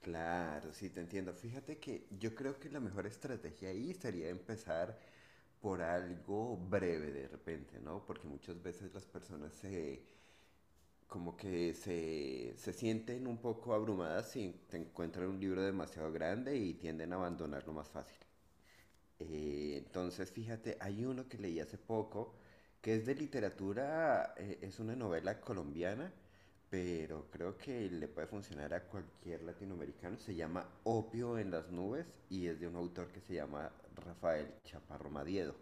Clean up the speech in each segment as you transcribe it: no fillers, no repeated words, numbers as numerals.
Claro, sí, te entiendo. Fíjate que yo creo que la mejor estrategia ahí sería empezar por algo breve de repente, ¿no? Porque muchas veces las personas como que se sienten un poco abrumadas si te encuentran un libro demasiado grande y tienden a abandonarlo más fácil. Entonces, fíjate, hay uno que leí hace poco, que es de literatura, es una novela colombiana, pero creo que le puede funcionar a cualquier latinoamericano. Se llama Opio en las nubes y es de un autor que se llama Rafael Chaparro Madiedo.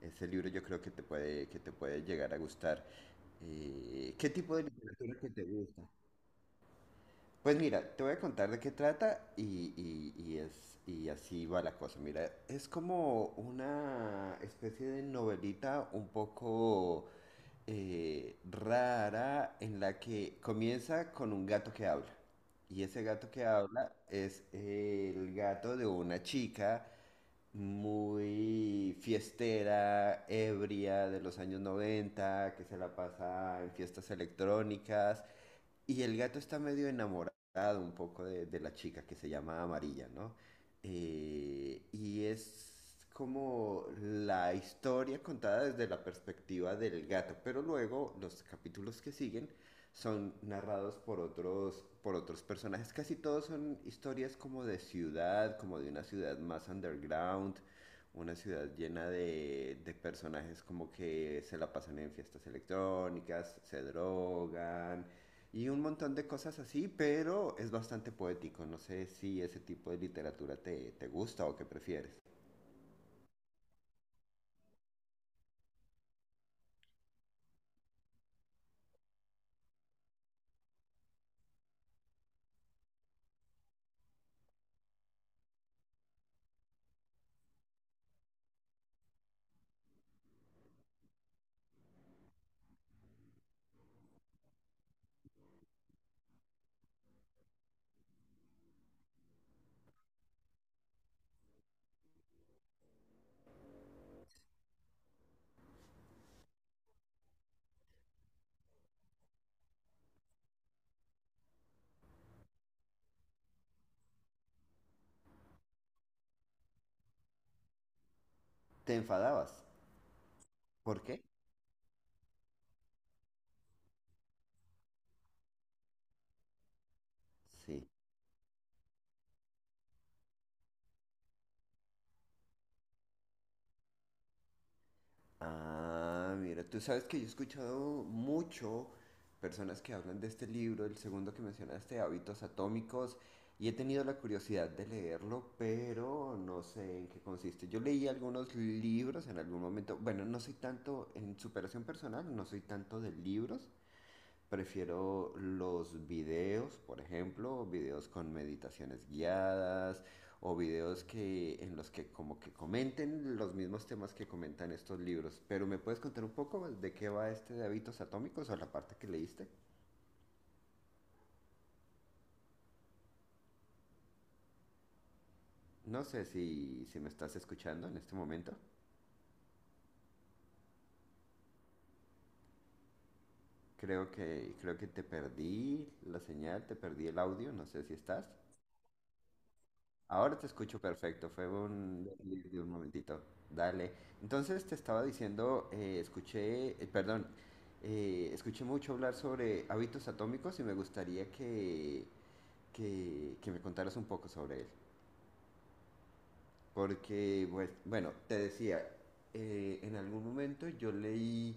Ese libro yo creo que te puede llegar a gustar. ¿Qué tipo de literatura que te gusta? Pues mira, te voy a contar de qué trata, y así va la cosa. Mira, es como una especie de novelita un poco rara, en la que comienza con un gato que habla. Y ese gato que habla es el gato de una chica muy fiestera, ebria de los años 90, que se la pasa en fiestas electrónicas, y el gato está medio enamorado un poco de la chica que se llama Amarilla, ¿no? Y es como la historia contada desde la perspectiva del gato, pero luego los capítulos que siguen son narrados por otros personajes. Casi todos son historias como de ciudad, como de una ciudad más underground, una ciudad llena de personajes como que se la pasan en fiestas electrónicas, se drogan, y un montón de cosas así, pero es bastante poético. No sé si ese tipo de literatura te, te gusta o qué prefieres. ¿Te enfadabas? ¿Por qué? Sí. Ah, mira, tú sabes que yo he escuchado mucho personas que hablan de este libro, el segundo que mencionaste, Hábitos Atómicos, y he tenido la curiosidad de leerlo, pero no sé en qué consiste. Yo leí algunos libros en algún momento, bueno, no soy tanto en superación personal, no soy tanto de libros. Prefiero los videos, por ejemplo, videos con meditaciones guiadas o videos que en los que como que comenten los mismos temas que comentan estos libros. Pero ¿me puedes contar un poco más de qué va este de hábitos atómicos o la parte que leíste? No sé si, si me estás escuchando en este momento. Creo que te perdí la señal, te perdí el audio, no sé si estás. Ahora te escucho perfecto, fue un desliz de un momentito. Dale. Entonces te estaba diciendo, escuché, perdón, escuché mucho hablar sobre hábitos atómicos y me gustaría que, que me contaras un poco sobre él. Porque, pues, bueno, te decía, en algún momento yo leí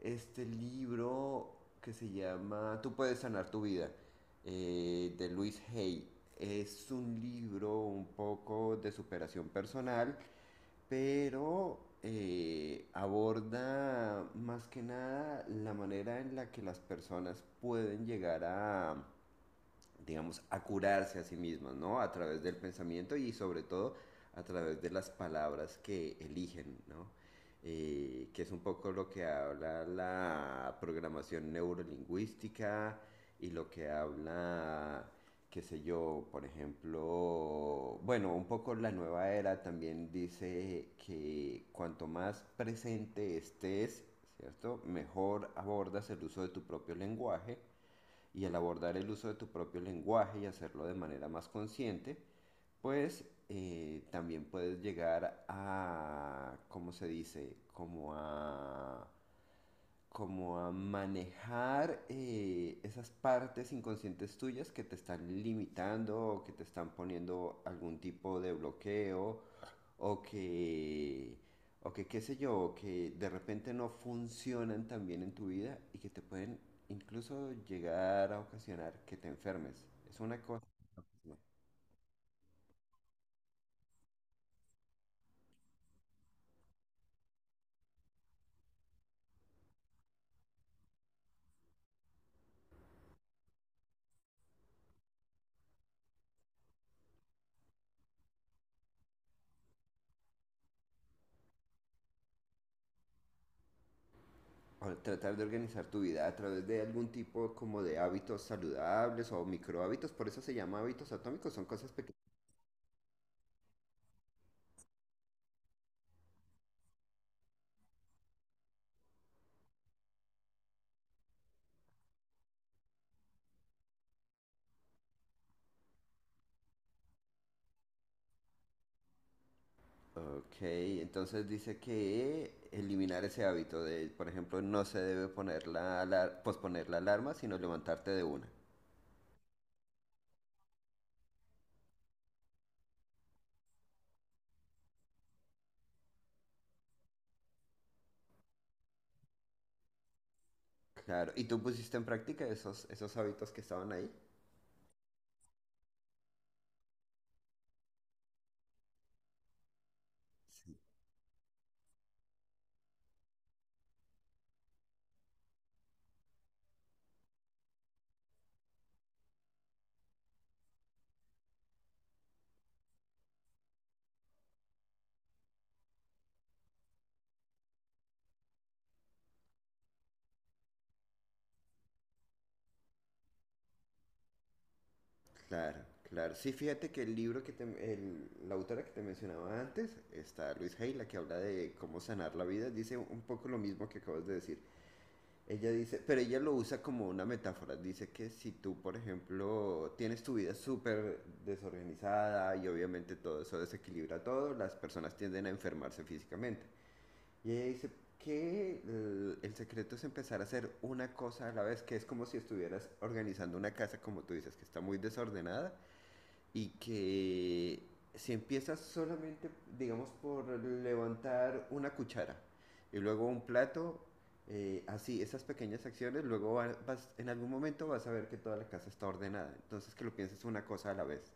este libro que se llama Tú puedes sanar tu vida, de Luis Hay. Es un libro un poco de superación personal, pero aborda más que nada la manera en la que las personas pueden llegar a, digamos, a curarse a sí mismas, ¿no? A través del pensamiento y sobre todo a través de las palabras que eligen, ¿no? Que es un poco lo que habla la programación neurolingüística y lo que habla, qué sé yo, por ejemplo, bueno, un poco la nueva era también dice que cuanto más presente estés, ¿cierto? Mejor abordas el uso de tu propio lenguaje, y al abordar el uso de tu propio lenguaje y hacerlo de manera más consciente, pues también puedes llegar a, ¿cómo se dice? como a, manejar esas partes inconscientes tuyas que te están limitando o que te están poniendo algún tipo de bloqueo, o que, o que qué sé yo, o que de repente no funcionan tan bien en tu vida y que te pueden incluso llegar a ocasionar que te enfermes. Es una cosa. ¿No? O tratar de organizar tu vida a través de algún tipo como de hábitos saludables o microhábitos, por eso se llama hábitos atómicos, son cosas pequeñas. Ok, entonces dice que eliminar ese hábito de, por ejemplo, no se debe poner la posponer la alarma, sino levantarte de una. Claro, ¿y tú pusiste en práctica esos, esos hábitos que estaban ahí? Sí. Claro, claro. Sí, fíjate que el libro que te, la autora que te mencionaba antes, está Luis Hay, la que habla de cómo sanar la vida, dice un poco lo mismo que acabas de decir. Ella dice, pero ella lo usa como una metáfora. Dice que si tú, por ejemplo, tienes tu vida súper desorganizada y obviamente todo eso desequilibra todo, las personas tienden a enfermarse físicamente. Y ella dice que el secreto es empezar a hacer una cosa a la vez, que es como si estuvieras organizando una casa, como tú dices, que está muy desordenada, y que si empiezas solamente, digamos, por levantar una cuchara y luego un plato, así, esas pequeñas acciones, luego vas, en algún momento vas a ver que toda la casa está ordenada. Entonces que lo pienses una cosa a la vez.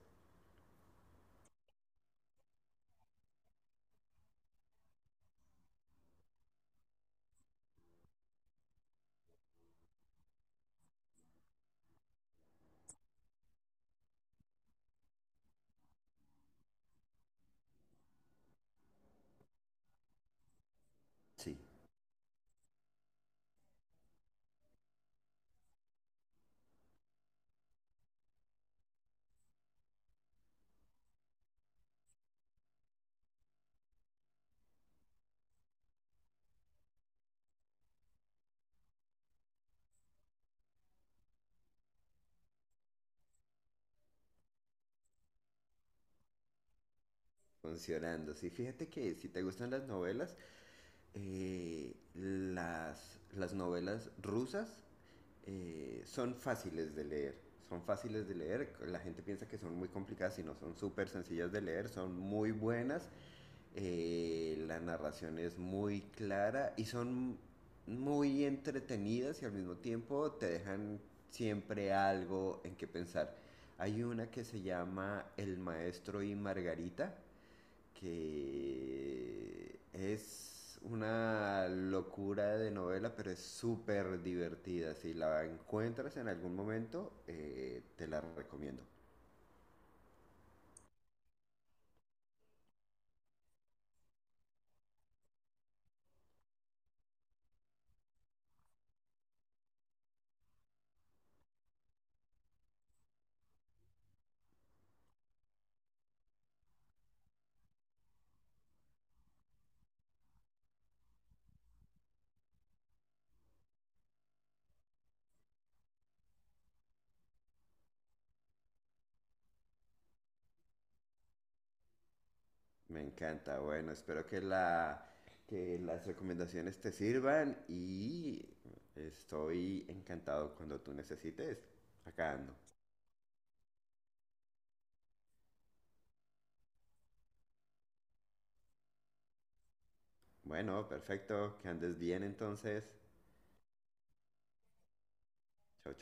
Sí. Funcionando. Sí, fíjate que si te gustan las novelas, eh, las, las, novelas rusas son fáciles de leer. Son fáciles de leer. La gente piensa que son muy complicadas y no, son súper sencillas de leer. Son muy buenas. La narración es muy clara y son muy entretenidas y al mismo tiempo te dejan siempre algo en que pensar. Hay una que se llama El Maestro y Margarita, que es una locura de novela, pero es súper divertida. Si la encuentras en algún momento, te la recomiendo. Me encanta. Bueno, espero que las recomendaciones te sirvan, y estoy encantado cuando tú necesites. Acá ando. Bueno, perfecto. Que andes bien entonces. Chao,